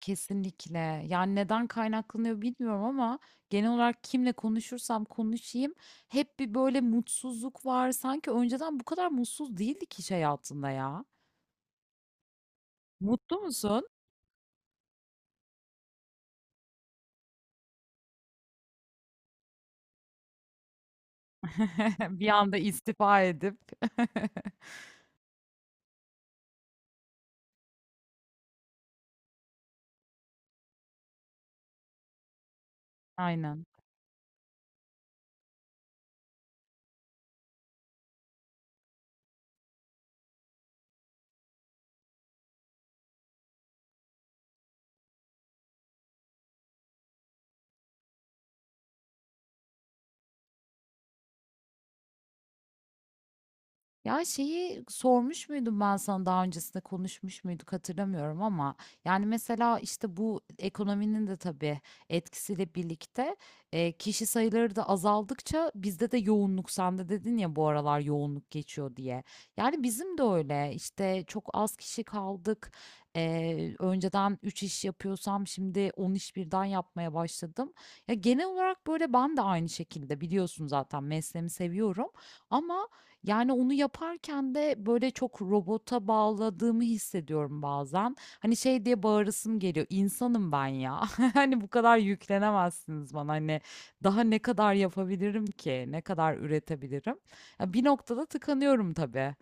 Kesinlikle. Yani neden kaynaklanıyor bilmiyorum ama genel olarak kimle konuşursam konuşayım hep bir böyle mutsuzluk var. Sanki önceden bu kadar mutsuz değildik iş hayatında ya. Mutlu musun? Bir anda istifa edip. Aynen. Ya şeyi sormuş muydum ben sana daha öncesinde konuşmuş muyduk hatırlamıyorum ama yani mesela işte bu ekonominin de tabii etkisiyle birlikte kişi sayıları da azaldıkça bizde de yoğunluk sen de dedin ya bu aralar yoğunluk geçiyor diye. Yani bizim de öyle işte çok az kişi kaldık. Önceden 3 iş yapıyorsam şimdi 10 iş birden yapmaya başladım. Ya genel olarak böyle ben de aynı şekilde biliyorsun zaten mesleğimi seviyorum. Ama yani onu yaparken de böyle çok robota bağladığımı hissediyorum bazen. Hani şey diye bağırasım geliyor. İnsanım ben ya. Hani bu kadar yüklenemezsiniz bana. Hani daha ne kadar yapabilirim ki? Ne kadar üretebilirim? Ya bir noktada tıkanıyorum tabii.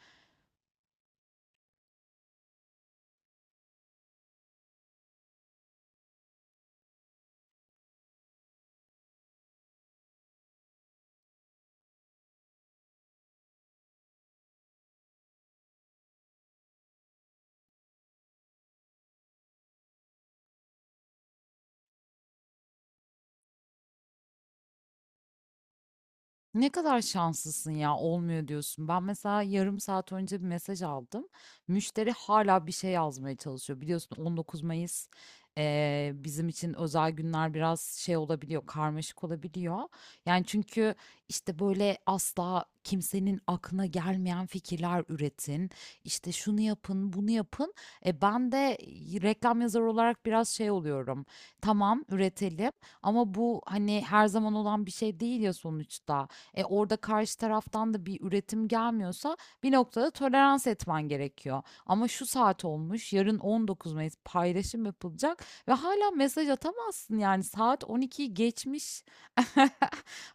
Ne kadar şanslısın ya olmuyor diyorsun. Ben mesela yarım saat önce bir mesaj aldım. Müşteri hala bir şey yazmaya çalışıyor. Biliyorsun 19 Mayıs bizim için özel günler biraz şey olabiliyor, karmaşık olabiliyor. Yani çünkü işte böyle asla kimsenin aklına gelmeyen fikirler üretin. İşte şunu yapın, bunu yapın. Ben de reklam yazarı olarak biraz şey oluyorum. Tamam üretelim ama bu hani her zaman olan bir şey değil ya sonuçta. Orada karşı taraftan da bir üretim gelmiyorsa bir noktada tolerans etmen gerekiyor. Ama şu saat olmuş, yarın 19 Mayıs paylaşım yapılacak ve hala mesaj atamazsın yani saat 12'yi geçmiş.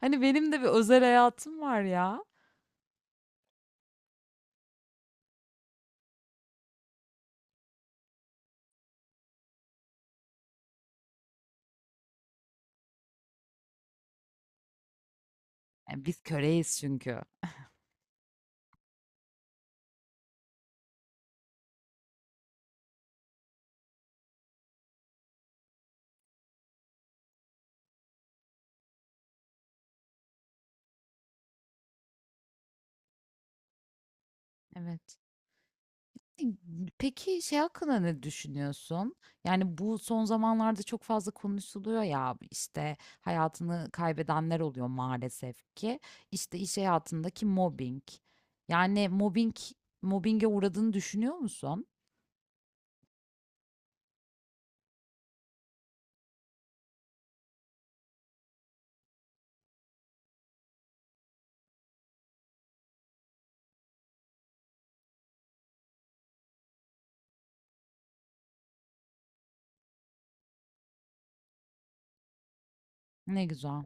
Hani benim de bir özel hayatım var ya. Biz köreyiz çünkü. Evet. Peki şey hakkında ne düşünüyorsun? Yani bu son zamanlarda çok fazla konuşuluyor ya işte hayatını kaybedenler oluyor maalesef ki. İşte iş hayatındaki mobbing. Yani mobbinge uğradığını düşünüyor musun? Ne güzel.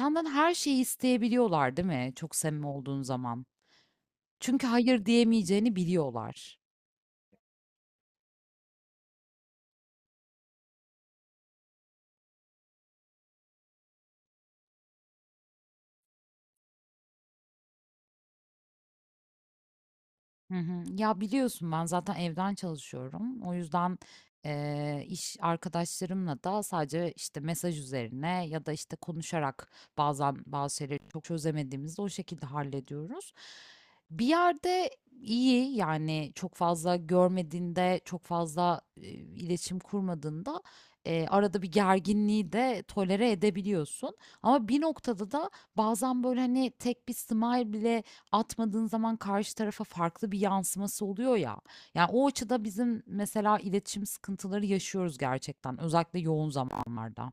Senden her şeyi isteyebiliyorlar değil mi? Çok samimi olduğun zaman. Çünkü hayır diyemeyeceğini biliyorlar. Hı hı. Ya biliyorsun ben zaten evden çalışıyorum. O yüzden iş arkadaşlarımla da sadece işte mesaj üzerine ya da işte konuşarak bazen bazı şeyleri çok çözemediğimizde o şekilde hallediyoruz. Bir yerde iyi yani çok fazla görmediğinde, çok fazla iletişim kurmadığında arada bir gerginliği de tolere edebiliyorsun. Ama bir noktada da bazen böyle hani tek bir smile bile atmadığın zaman karşı tarafa farklı bir yansıması oluyor ya. Yani o açıda bizim mesela iletişim sıkıntıları yaşıyoruz gerçekten özellikle yoğun zamanlarda.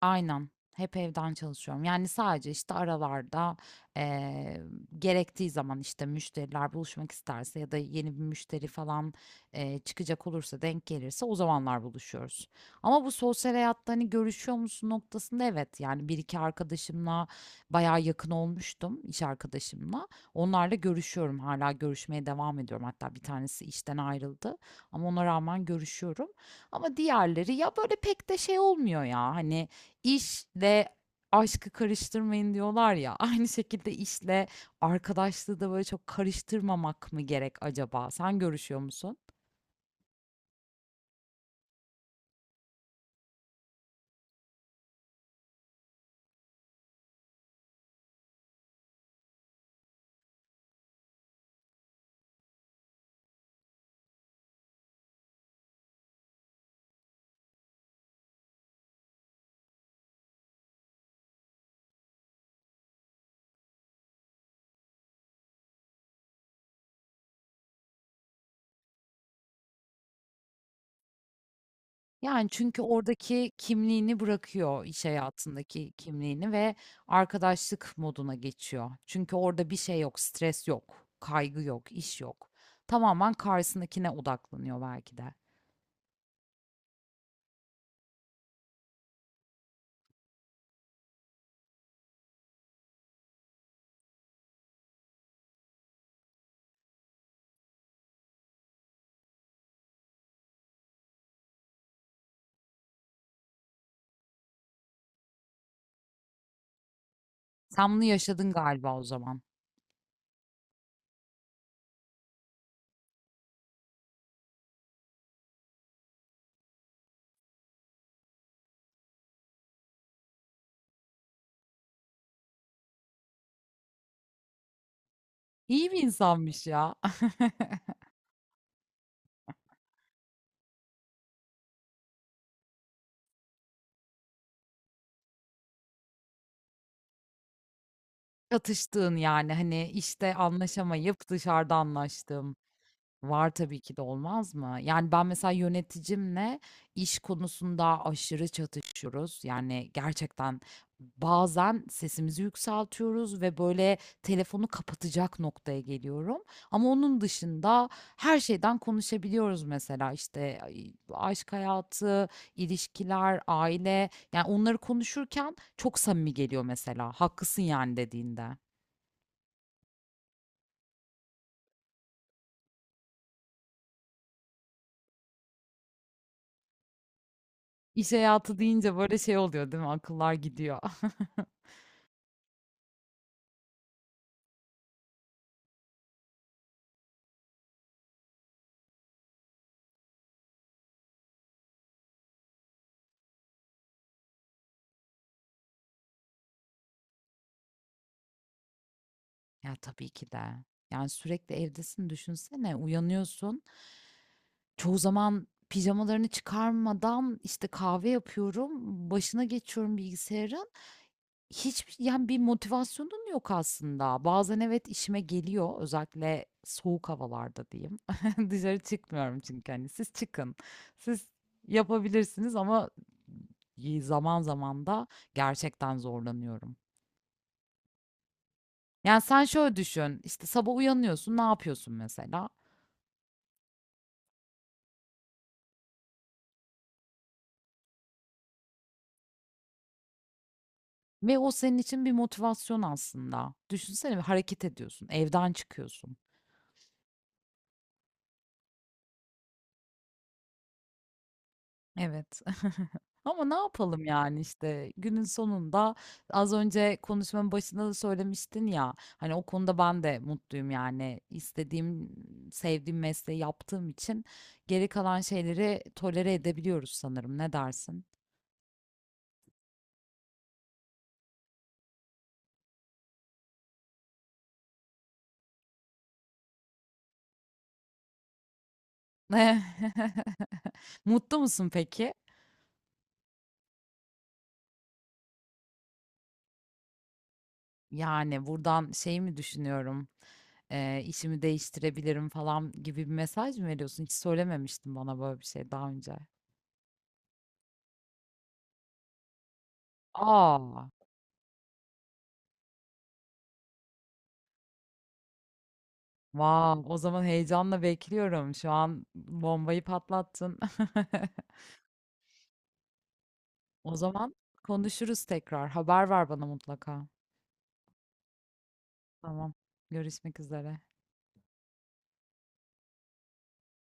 Aynen. Hep evden çalışıyorum. Yani sadece işte aralarda eee, gerektiği zaman işte müşteriler buluşmak isterse ya da yeni bir müşteri falan çıkacak olursa denk gelirse o zamanlar buluşuyoruz. Ama bu sosyal hayatta hani görüşüyor musun noktasında evet yani bir iki arkadaşımla bayağı yakın olmuştum iş arkadaşımla. Onlarla görüşüyorum hala görüşmeye devam ediyorum. Hatta bir tanesi işten ayrıldı ama ona rağmen görüşüyorum. Ama diğerleri ya böyle pek de şey olmuyor ya hani. İşle aşkı karıştırmayın diyorlar ya. Aynı şekilde işle arkadaşlığı da böyle çok karıştırmamak mı gerek acaba? Sen görüşüyor musun? Yani çünkü oradaki kimliğini bırakıyor iş hayatındaki kimliğini ve arkadaşlık moduna geçiyor. Çünkü orada bir şey yok, stres yok, kaygı yok, iş yok. Tamamen karşısındakine odaklanıyor belki de. Sen bunu yaşadın galiba o zaman. İyi bir insanmış ya. Çatıştığın, yani, hani, işte, anlaşamayıp dışarıda anlaştığın var tabii ki de, olmaz mı? Yani, ben mesela yöneticimle iş konusunda aşırı çatışıyoruz. Yani, gerçekten bazen sesimizi yükseltiyoruz ve, böyle, telefonu kapatacak noktaya geliyorum ama onun dışında her şeyden konuşabiliyoruz mesela. İşte ay aşk hayatı, ilişkiler, aile, yani, onları konuşurken çok samimi geliyor mesela, "Haklısın, yani." dediğinde. İş hayatı deyince böyle şey oluyor değil mi? Akıllar gidiyor. Ya tabii ki de. Yani sürekli evdesin düşünsene. Uyanıyorsun. Çoğu zaman pijamalarını çıkarmadan işte kahve yapıyorum. Başına geçiyorum bilgisayarın. Hiçbir yani bir motivasyonun yok aslında. Bazen evet işime geliyor. Özellikle soğuk havalarda diyeyim. Dışarı çıkmıyorum çünkü hani siz çıkın. Siz yapabilirsiniz ama zaman zaman da gerçekten zorlanıyorum. Yani, sen şöyle düşün, işte, sabah uyanıyorsun, ne yapıyorsun mesela? Ve o senin için bir motivasyon aslında. Düşünsene bir hareket ediyorsun, evden çıkıyorsun. Evet. Ama ne yapalım, yani, işte, günün sonunda az önce konuşmanın başında da söylemiştin ya, hani, o konuda ben de mutluyum, yani, istediğim, sevdiğim mesleği yaptığım için geri kalan şeyleri tolere edebiliyoruz sanırım. Ne dersin? Mutlu musun peki? Yani, buradan şey mi düşünüyorum, işimi değiştirebilirim falan gibi bir mesaj mı veriyorsun? Hiç söylememiştin bana böyle bir şey daha önce. Aa, wow, o zaman heyecanla bekliyorum. Şu an bombayı patlattın. O zaman konuşuruz tekrar. Haber ver bana mutlaka. Tamam. Görüşmek üzere.